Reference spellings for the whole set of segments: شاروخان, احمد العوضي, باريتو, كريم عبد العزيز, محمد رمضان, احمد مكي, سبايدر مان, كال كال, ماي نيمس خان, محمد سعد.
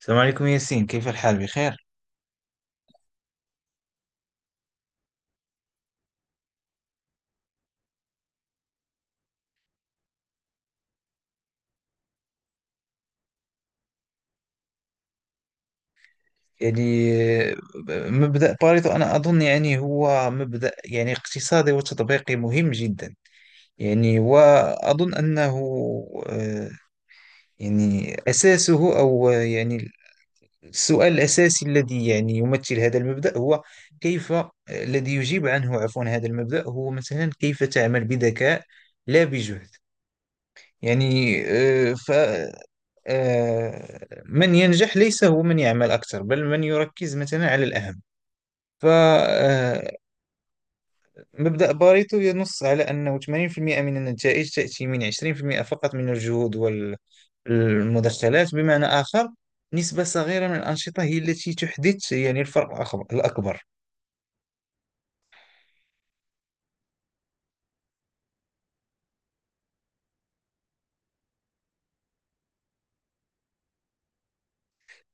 السلام عليكم ياسين، كيف الحال؟ بخير. يعني مبدأ باريتو أنا أظن، يعني هو مبدأ، يعني اقتصادي وتطبيقي مهم جدا. يعني وأظن أنه آه، يعني أساسه أو يعني السؤال الأساسي الذي يعني يمثل هذا المبدأ هو كيف، الذي يجيب عنه، عفوا، هذا المبدأ هو مثلا كيف تعمل بذكاء لا بجهد. يعني من ينجح ليس هو من يعمل أكثر، بل من يركز مثلا على الأهم. فمبدأ باريتو ينص على أنه 80% من النتائج تأتي من 20% فقط من الجهود والمدخلات. بمعنى آخر، نسبة صغيرة من الأنشطة هي التي تحدث يعني الفرق الأكبر.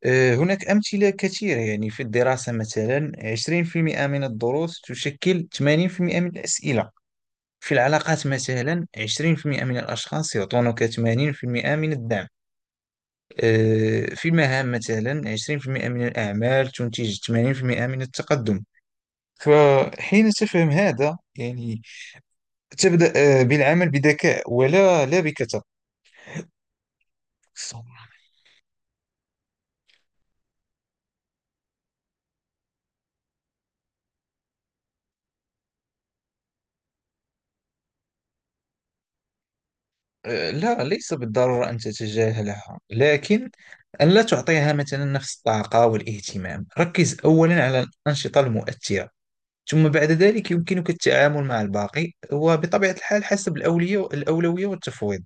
هناك أمثلة كثيرة، يعني في الدراسة مثلا 20% من الدروس تشكل 80% من الأسئلة. في العلاقات مثلا 20% من الأشخاص يعطونك 80% من الدعم. في المهام مثلا 20% من الأعمال تنتج 80% من التقدم. فحين تفهم هذا، يعني تبدأ بالعمل بذكاء، ولا لا بكثرة. لا، ليس بالضرورة أن تتجاهلها، لكن أن لا تعطيها مثلا نفس الطاقة والاهتمام. ركز أولا على الأنشطة المؤثرة، ثم بعد ذلك يمكنك التعامل مع الباقي، وبطبيعة الحال حسب الأولوية والتفويض.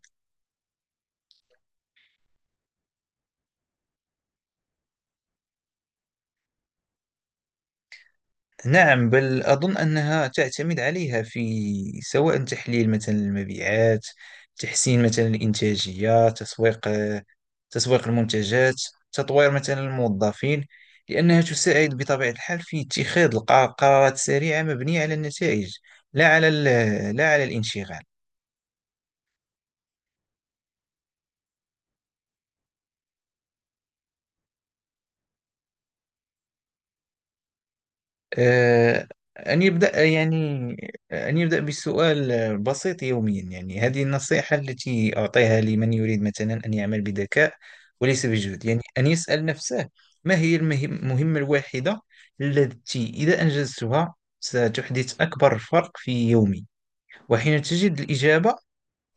نعم، بل أظن أنها تعتمد عليها في، سواء تحليل مثلا المبيعات، تحسين مثلا الإنتاجية، تسويق المنتجات، تطوير مثلا الموظفين، لأنها تساعد بطبيعة الحال في اتخاذ القرارات السريعة مبنية على النتائج، لا على الانشغال. آه، أن يبدأ يعني أن يبدأ بسؤال بسيط يوميا، يعني هذه النصيحة التي أعطيها لمن يريد مثلا أن يعمل بذكاء وليس بجهد، يعني أن يسأل نفسه: ما هي المهمة الواحدة التي إذا أنجزتها ستحدث أكبر فرق في يومي؟ وحين تجد الإجابة،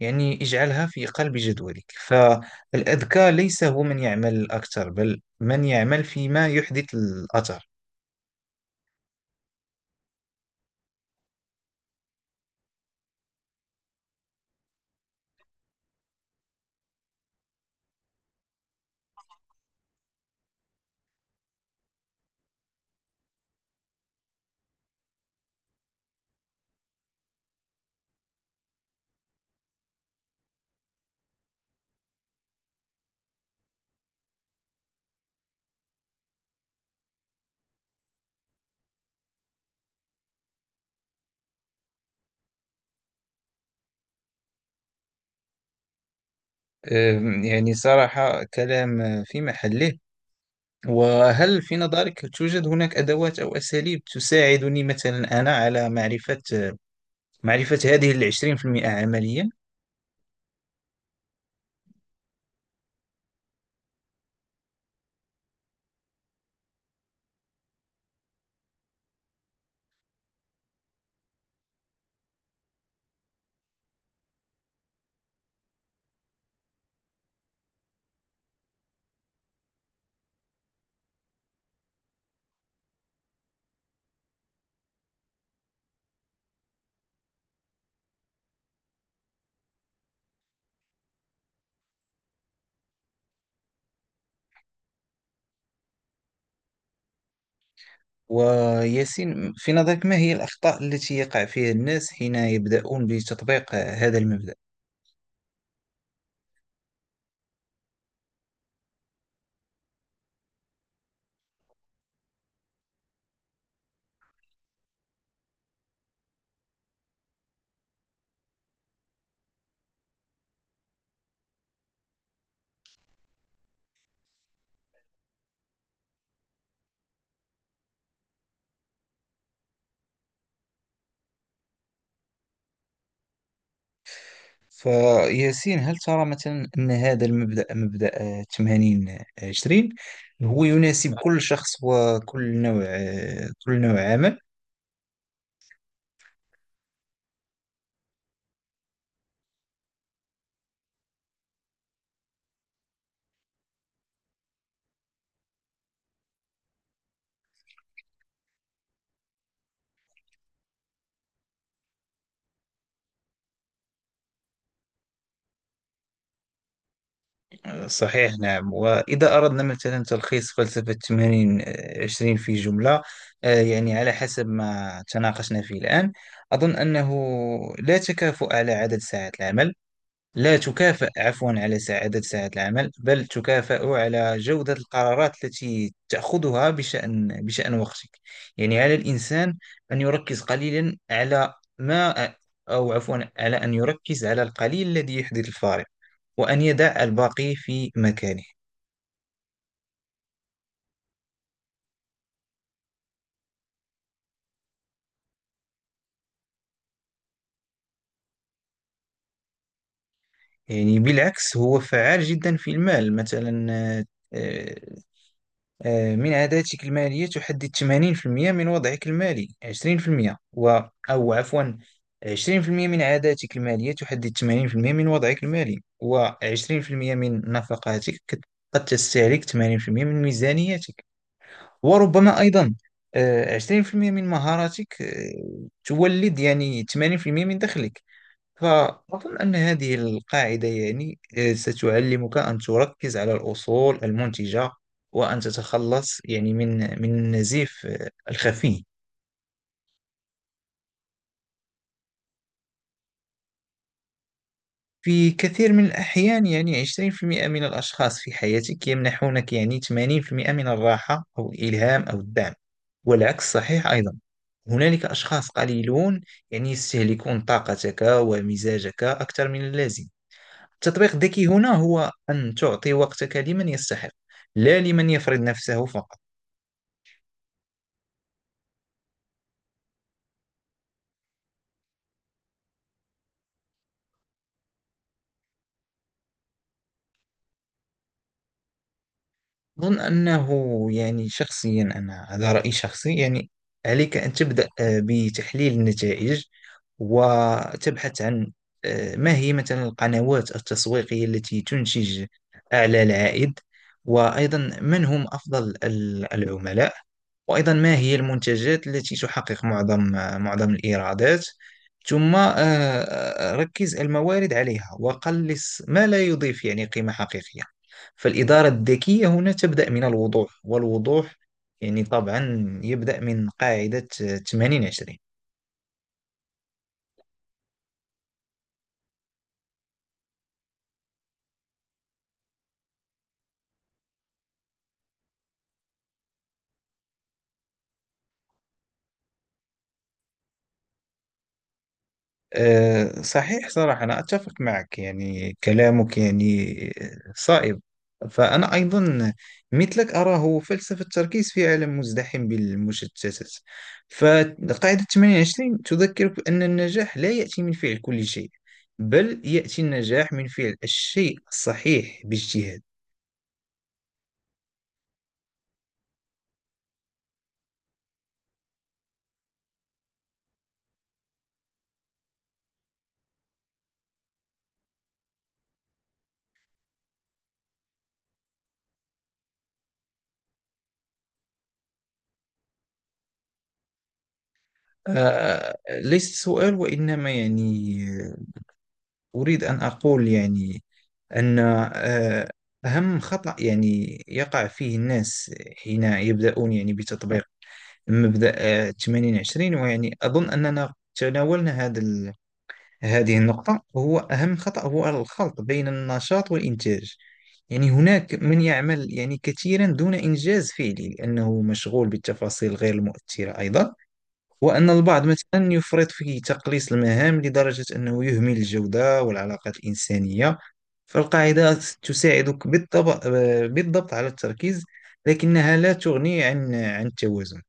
يعني اجعلها في قلب جدولك. فالأذكى ليس هو من يعمل أكثر، بل من يعمل فيما يحدث الأثر. يعني صراحة كلام في محله. وهل في نظرك توجد هناك أدوات أو أساليب تساعدني مثلا أنا على معرفة هذه العشرين في المئة عمليا؟ وياسين، في نظرك ما هي الأخطاء التي يقع فيها الناس حين يبدأون بتطبيق هذا المبدأ؟ فياسين، هل ترى مثلا أن هذا المبدأ، مبدأ 80 20، هو يناسب كل شخص وكل نوع كل نوع عمل؟ صحيح. نعم. وإذا أردنا مثلا تلخيص فلسفة 80 20 في جملة، يعني على حسب ما تناقشنا فيه الآن، أظن أنه لا تكافؤ على عدد ساعات العمل، لا تكافأ، عفوا، على عدد ساعات العمل، بل تكافأ على جودة القرارات التي تأخذها بشأن وقتك. يعني على الإنسان أن يركز قليلا على ما، أو عفوا، على أن يركز على القليل الذي يحدث الفارق، وأن يدع الباقي في مكانه. يعني بالعكس، هو فعال جدا في المال مثلا. آه، آه، من عاداتك المالية تحدد 80% من وضعك المالي، 20% و، أو عفوا، 20% من عاداتك المالية تحدد 80% من وضعك المالي، و20% من نفقاتك قد تستهلك 80% من ميزانيتك. وربما أيضا 20% من مهاراتك تولد يعني 80% من دخلك. فأظن أن هذه القاعدة، يعني ستعلمك أن تركز على الأصول المنتجة، وأن تتخلص يعني من النزيف، الخفي. في كثير من الأحيان، يعني 20% من الأشخاص في حياتك يمنحونك يعني 80% من الراحة أو الإلهام أو الدعم. والعكس صحيح أيضا، هنالك أشخاص قليلون يعني يستهلكون طاقتك ومزاجك أكثر من اللازم. التطبيق الذكي هنا هو أن تعطي وقتك لمن يستحق، لا لمن يفرض نفسه فقط. أظن أنه، يعني شخصيا أنا، هذا رأيي شخصي، يعني عليك أن تبدأ بتحليل النتائج، وتبحث عن ما هي مثلا القنوات التسويقية التي تنتج أعلى العائد، وأيضا من هم أفضل العملاء، وأيضا ما هي المنتجات التي تحقق معظم، معظم الإيرادات. ثم ركز الموارد عليها وقلص ما لا يضيف يعني قيمة حقيقية. فالإدارة الذكية هنا تبدأ من الوضوح، والوضوح يعني طبعا يبدأ من قاعدة 80 20. صحيح، صراحة أنا أتفق معك، يعني كلامك يعني صائب. فأنا أيضا مثلك أراه فلسفة التركيز في عالم مزدحم بالمشتتات. فقاعدة 28 تذكرك بأن النجاح لا يأتي من فعل كل شيء، بل يأتي النجاح من فعل الشيء الصحيح باجتهاد. ليس سؤال، وإنما يعني أريد أن أقول، يعني أن أهم خطأ يعني يقع فيه الناس حين يبدأون يعني بتطبيق مبدأ 80 20، ويعني أظن أننا تناولنا هذه النقطة. هو أهم خطأ هو الخلط بين النشاط والإنتاج. يعني هناك من يعمل يعني كثيرا دون إنجاز فعلي، لأنه مشغول بالتفاصيل غير المؤثرة أيضا. وأن البعض مثلا يفرط في تقليص المهام لدرجة أنه يهمل الجودة والعلاقات الإنسانية. فالقاعدة تساعدك بالضبط على التركيز، لكنها لا تغني عن التوازن.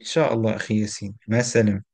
إن شاء الله أخي ياسين، مع السلامة.